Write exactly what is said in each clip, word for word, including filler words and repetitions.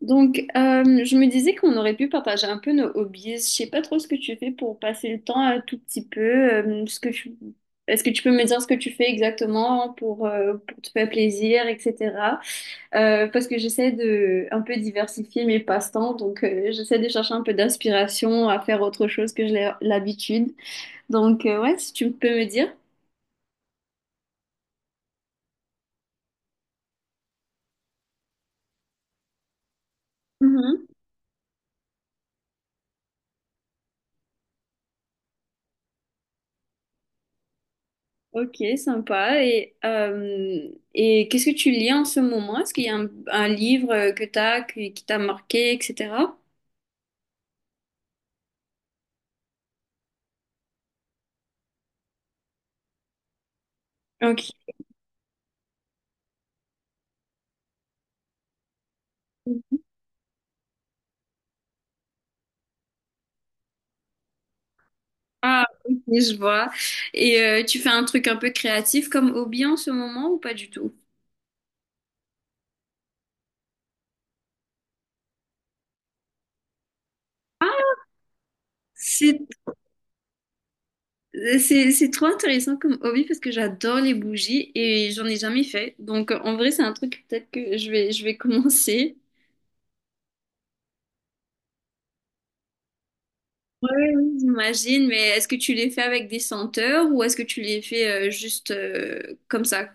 Donc, euh, je me disais qu'on aurait pu partager un peu nos hobbies. Je sais pas trop ce que tu fais pour passer le temps un tout petit peu. euh, ce que tu... Est-ce que tu peux me dire ce que tu fais exactement pour, euh, pour te faire plaisir, et cétéra. Euh, parce que j'essaie de un peu diversifier mes passe-temps, donc euh, j'essaie de chercher un peu d'inspiration à faire autre chose que j'ai l'habitude. Donc, euh, ouais, si tu peux me dire. Ok, sympa. Et, euh, et qu'est-ce que tu lis en ce moment? Est-ce qu'il y a un, un livre euh, que t'as, qui, qui t'a marqué, et cétéra? Ok. Ah, ok, je vois. Et euh, tu fais un truc un peu créatif comme hobby en ce moment ou pas du tout? C'est, c'est, c'est trop intéressant comme hobby parce que j'adore les bougies et j'en ai jamais fait. Donc euh, en vrai, c'est un truc peut-être que je vais, je vais commencer. Ouais, oui, j'imagine, mais est-ce que tu les fais avec des senteurs ou est-ce que tu les fais euh, juste euh, comme ça?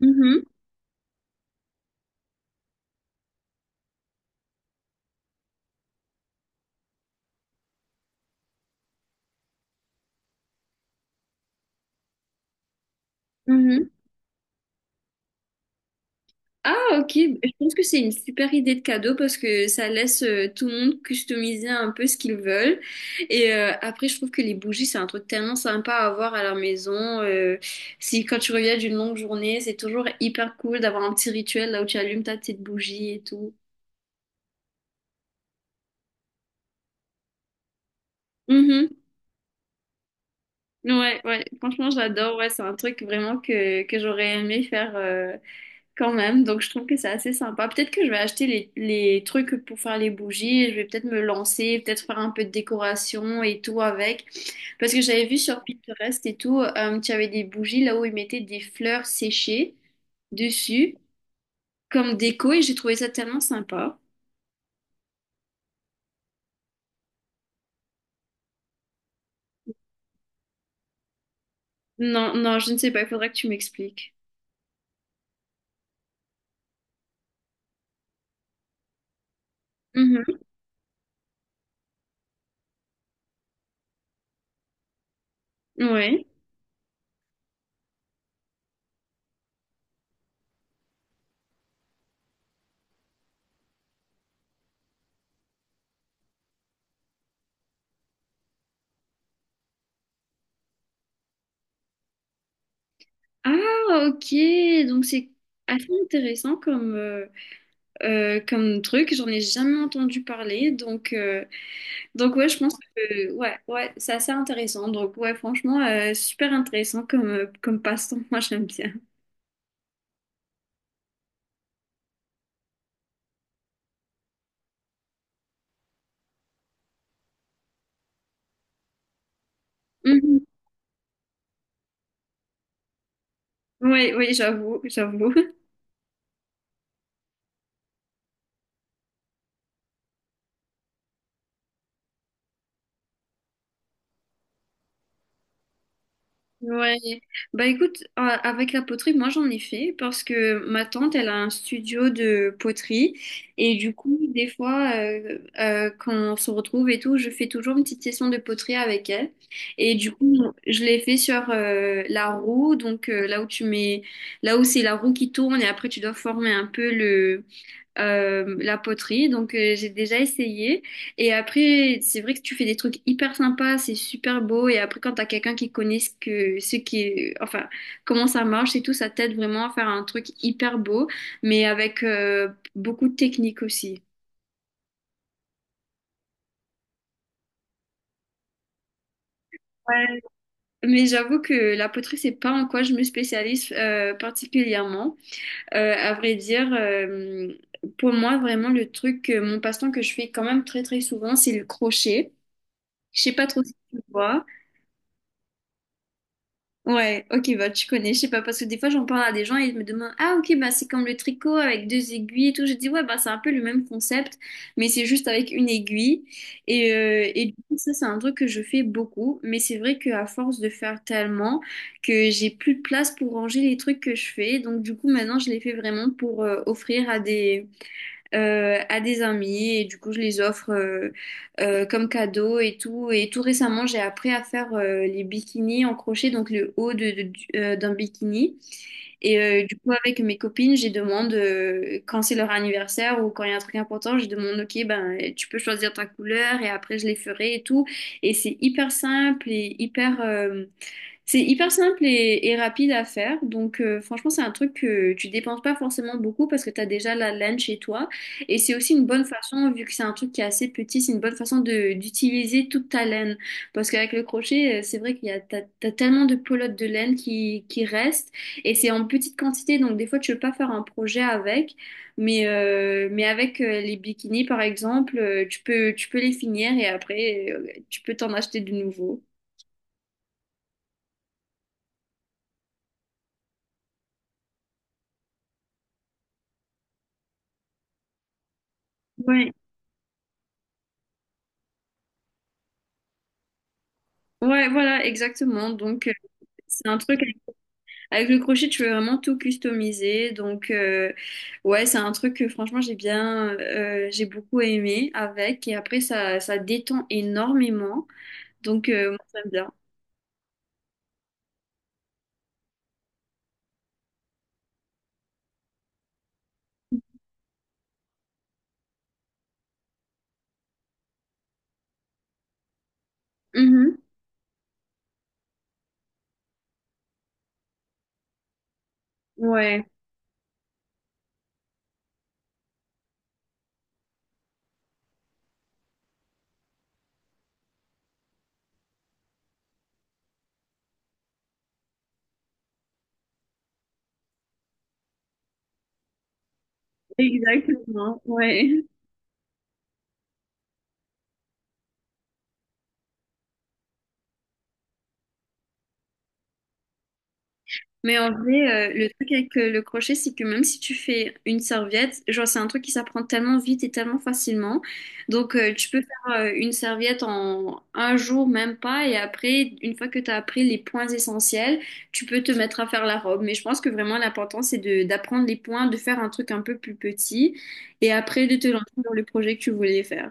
Mhm, mhm. Ah, ok. Je pense que c'est une super idée de cadeau parce que ça laisse euh, tout le monde customiser un peu ce qu'ils veulent. Et euh, après, je trouve que les bougies, c'est un truc tellement sympa à avoir à la maison. Euh, Si quand tu reviens d'une longue journée, c'est toujours hyper cool d'avoir un petit rituel là où tu allumes ta petite bougie et tout. Mhm. Ouais, ouais. Franchement, j'adore. Ouais, c'est un truc vraiment que, que j'aurais aimé faire. Euh, quand même, donc je trouve que c'est assez sympa. Peut-être que je vais acheter les, les trucs pour faire les bougies, je vais peut-être me lancer, peut-être faire un peu de décoration et tout avec. Parce que j'avais vu sur Pinterest et tout, euh, tu avais des bougies là où ils mettaient des fleurs séchées dessus comme déco et j'ai trouvé ça tellement sympa. Non, non, je ne sais pas, il faudra que tu m'expliques. Mhm. Ouais. Ah, ok. Donc c'est assez intéressant comme, euh, euh, comme truc. J'en ai jamais entendu parler. Donc, euh, Donc ouais, je pense que ouais, ouais, c'est assez intéressant. Donc ouais, franchement, euh, super intéressant comme, euh, comme passe-temps. Moi, j'aime bien. Mhm. Oui, oui, j'avoue, j'avoue. Ouais, bah écoute, euh, avec la poterie, moi j'en ai fait parce que ma tante, elle a un studio de poterie et du coup, des fois, euh, euh, quand on se retrouve et tout, je fais toujours une petite session de poterie avec elle et du coup, je l'ai fait sur euh, la roue, donc euh, là où tu mets, là où c'est la roue qui tourne et après tu dois former un peu le euh, la poterie, donc euh, j'ai déjà essayé. Et après, c'est vrai que tu fais des trucs hyper sympas, c'est super beau. Et après, quand t'as quelqu'un qui connaît ce que, ce qui est, enfin, comment ça marche et tout, ça t'aide vraiment à faire un truc hyper beau, mais avec euh, beaucoup de technique aussi. Ouais. Mais j'avoue que la poterie, c'est pas en quoi je me spécialise euh, particulièrement. Euh, à vrai dire, euh, pour moi, vraiment, le truc, euh, mon passe-temps que je fais quand même très très souvent, c'est le crochet. Je sais pas trop si tu vois. Ouais, ok, bah tu connais, je sais pas, parce que des fois j'en parle à des gens et ils me demandent, ah ok, bah c'est comme le tricot avec deux aiguilles et tout. Je dis, ouais, bah c'est un peu le même concept, mais c'est juste avec une aiguille. Et, euh, et du coup, ça, c'est un truc que je fais beaucoup, mais c'est vrai qu'à force de faire tellement que j'ai plus de place pour ranger les trucs que je fais. Donc du coup, maintenant, je les fais vraiment pour euh, offrir à des euh, à des amis et du coup je les offre euh, euh, comme cadeau et tout. Et tout récemment j'ai appris à faire euh, les bikinis en crochet, donc le haut de, de- du- euh, d'un bikini. Et euh, du coup avec mes copines, je demande euh, quand c'est leur anniversaire ou quand il y a un truc important, je demande ok ben tu peux choisir ta couleur et après je les ferai et tout. Et c'est hyper simple et hyper euh, c'est hyper simple et, et rapide à faire. Donc, euh, franchement, c'est un truc que tu dépenses pas forcément beaucoup parce que tu as déjà la laine chez toi. Et c'est aussi une bonne façon, vu que c'est un truc qui est assez petit, c'est une bonne façon de d'utiliser toute ta laine. Parce qu'avec le crochet, euh, c'est vrai qu'il y a, t'as, t'as tellement de pelotes de laine qui, qui restent. Et c'est en petite quantité. Donc, des fois, tu peux pas faire un projet avec. Mais, euh, mais avec euh, les bikinis, par exemple, euh, tu peux, tu peux les finir et après, euh, tu peux t'en acheter de nouveau. Ouais, voilà, exactement. Donc, euh, c'est un truc avec le crochet, tu peux vraiment tout customiser. Donc, euh, ouais, c'est un truc que franchement, j'ai bien, euh, j'ai beaucoup aimé avec. Et après, ça, ça détend énormément. Donc, euh, moi, j'aime bien. Mhm. Ouais, exactement. Ouais. Mais en vrai, euh, le truc avec euh, le crochet, c'est que même si tu fais une serviette, genre c'est un truc qui s'apprend tellement vite et tellement facilement. Donc euh, tu peux faire euh, une serviette en un jour, même pas, et après, une fois que tu as appris les points essentiels, tu peux te mettre à faire la robe. Mais je pense que vraiment l'important, c'est de d'apprendre les points, de faire un truc un peu plus petit, et après de te lancer dans le projet que tu voulais faire.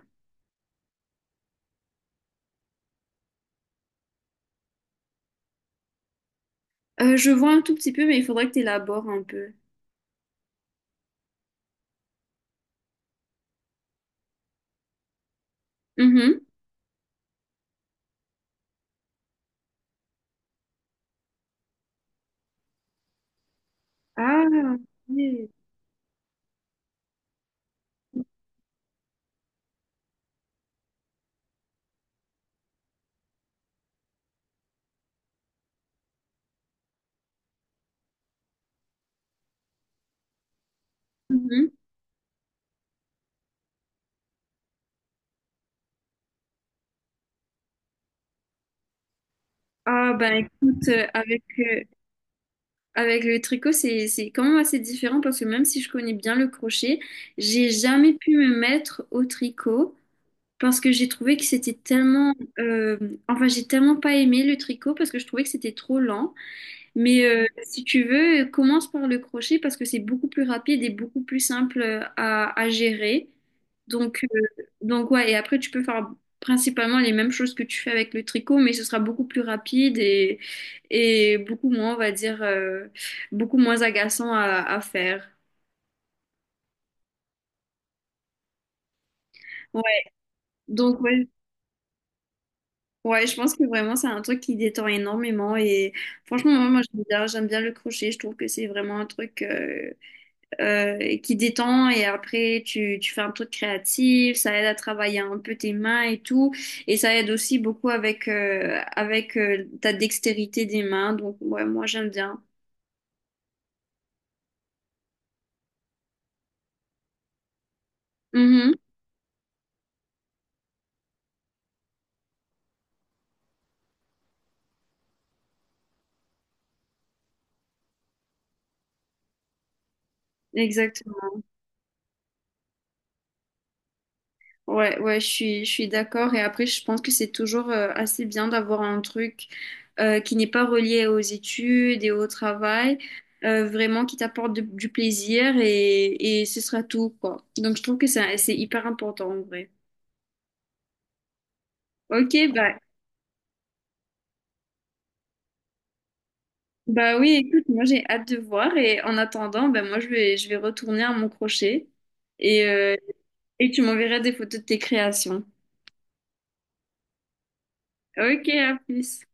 Euh, je vois un tout petit peu, mais il faudrait que tu élabores un peu. Mhm. Ah, oui. Mhm. Ah ben écoute, euh, avec, euh, avec le tricot, c'est, c'est quand même assez différent parce que même si je connais bien le crochet, j'ai jamais pu me mettre au tricot parce que j'ai trouvé que c'était tellement... euh, enfin, j'ai tellement pas aimé le tricot parce que je trouvais que c'était trop lent. Mais euh, si tu veux, commence par le crochet parce que c'est beaucoup plus rapide et beaucoup plus simple euh, à, à gérer. Donc, euh, donc ouais, et après tu peux faire principalement les mêmes choses que tu fais avec le tricot, mais ce sera beaucoup plus rapide et, et beaucoup moins, on va dire, euh, beaucoup moins agaçant à, à faire. Ouais, donc ouais, ouais, je pense que vraiment c'est un truc qui détend énormément et franchement, moi, moi, j'aime bien, j'aime bien le crochet, je trouve que c'est vraiment un truc euh, euh, qui détend et après tu, tu fais un truc créatif, ça aide à travailler un peu tes mains et tout et ça aide aussi beaucoup avec euh, avec euh, ta dextérité des mains donc ouais moi j'aime bien. Mhm. Exactement. Ouais, ouais, je suis, je suis d'accord. Et après, je pense que c'est toujours euh, assez bien d'avoir un truc euh, qui n'est pas relié aux études et au travail, euh, vraiment qui t'apporte de- du plaisir et, et ce sera tout, quoi. Donc, je trouve que ça- c'est hyper important en vrai. Ok, bah. Bah oui, écoute, moi j'ai hâte de voir et en attendant, ben moi je vais, je vais retourner à mon crochet et, euh, et tu m'enverras des photos de tes créations. Ok, à plus.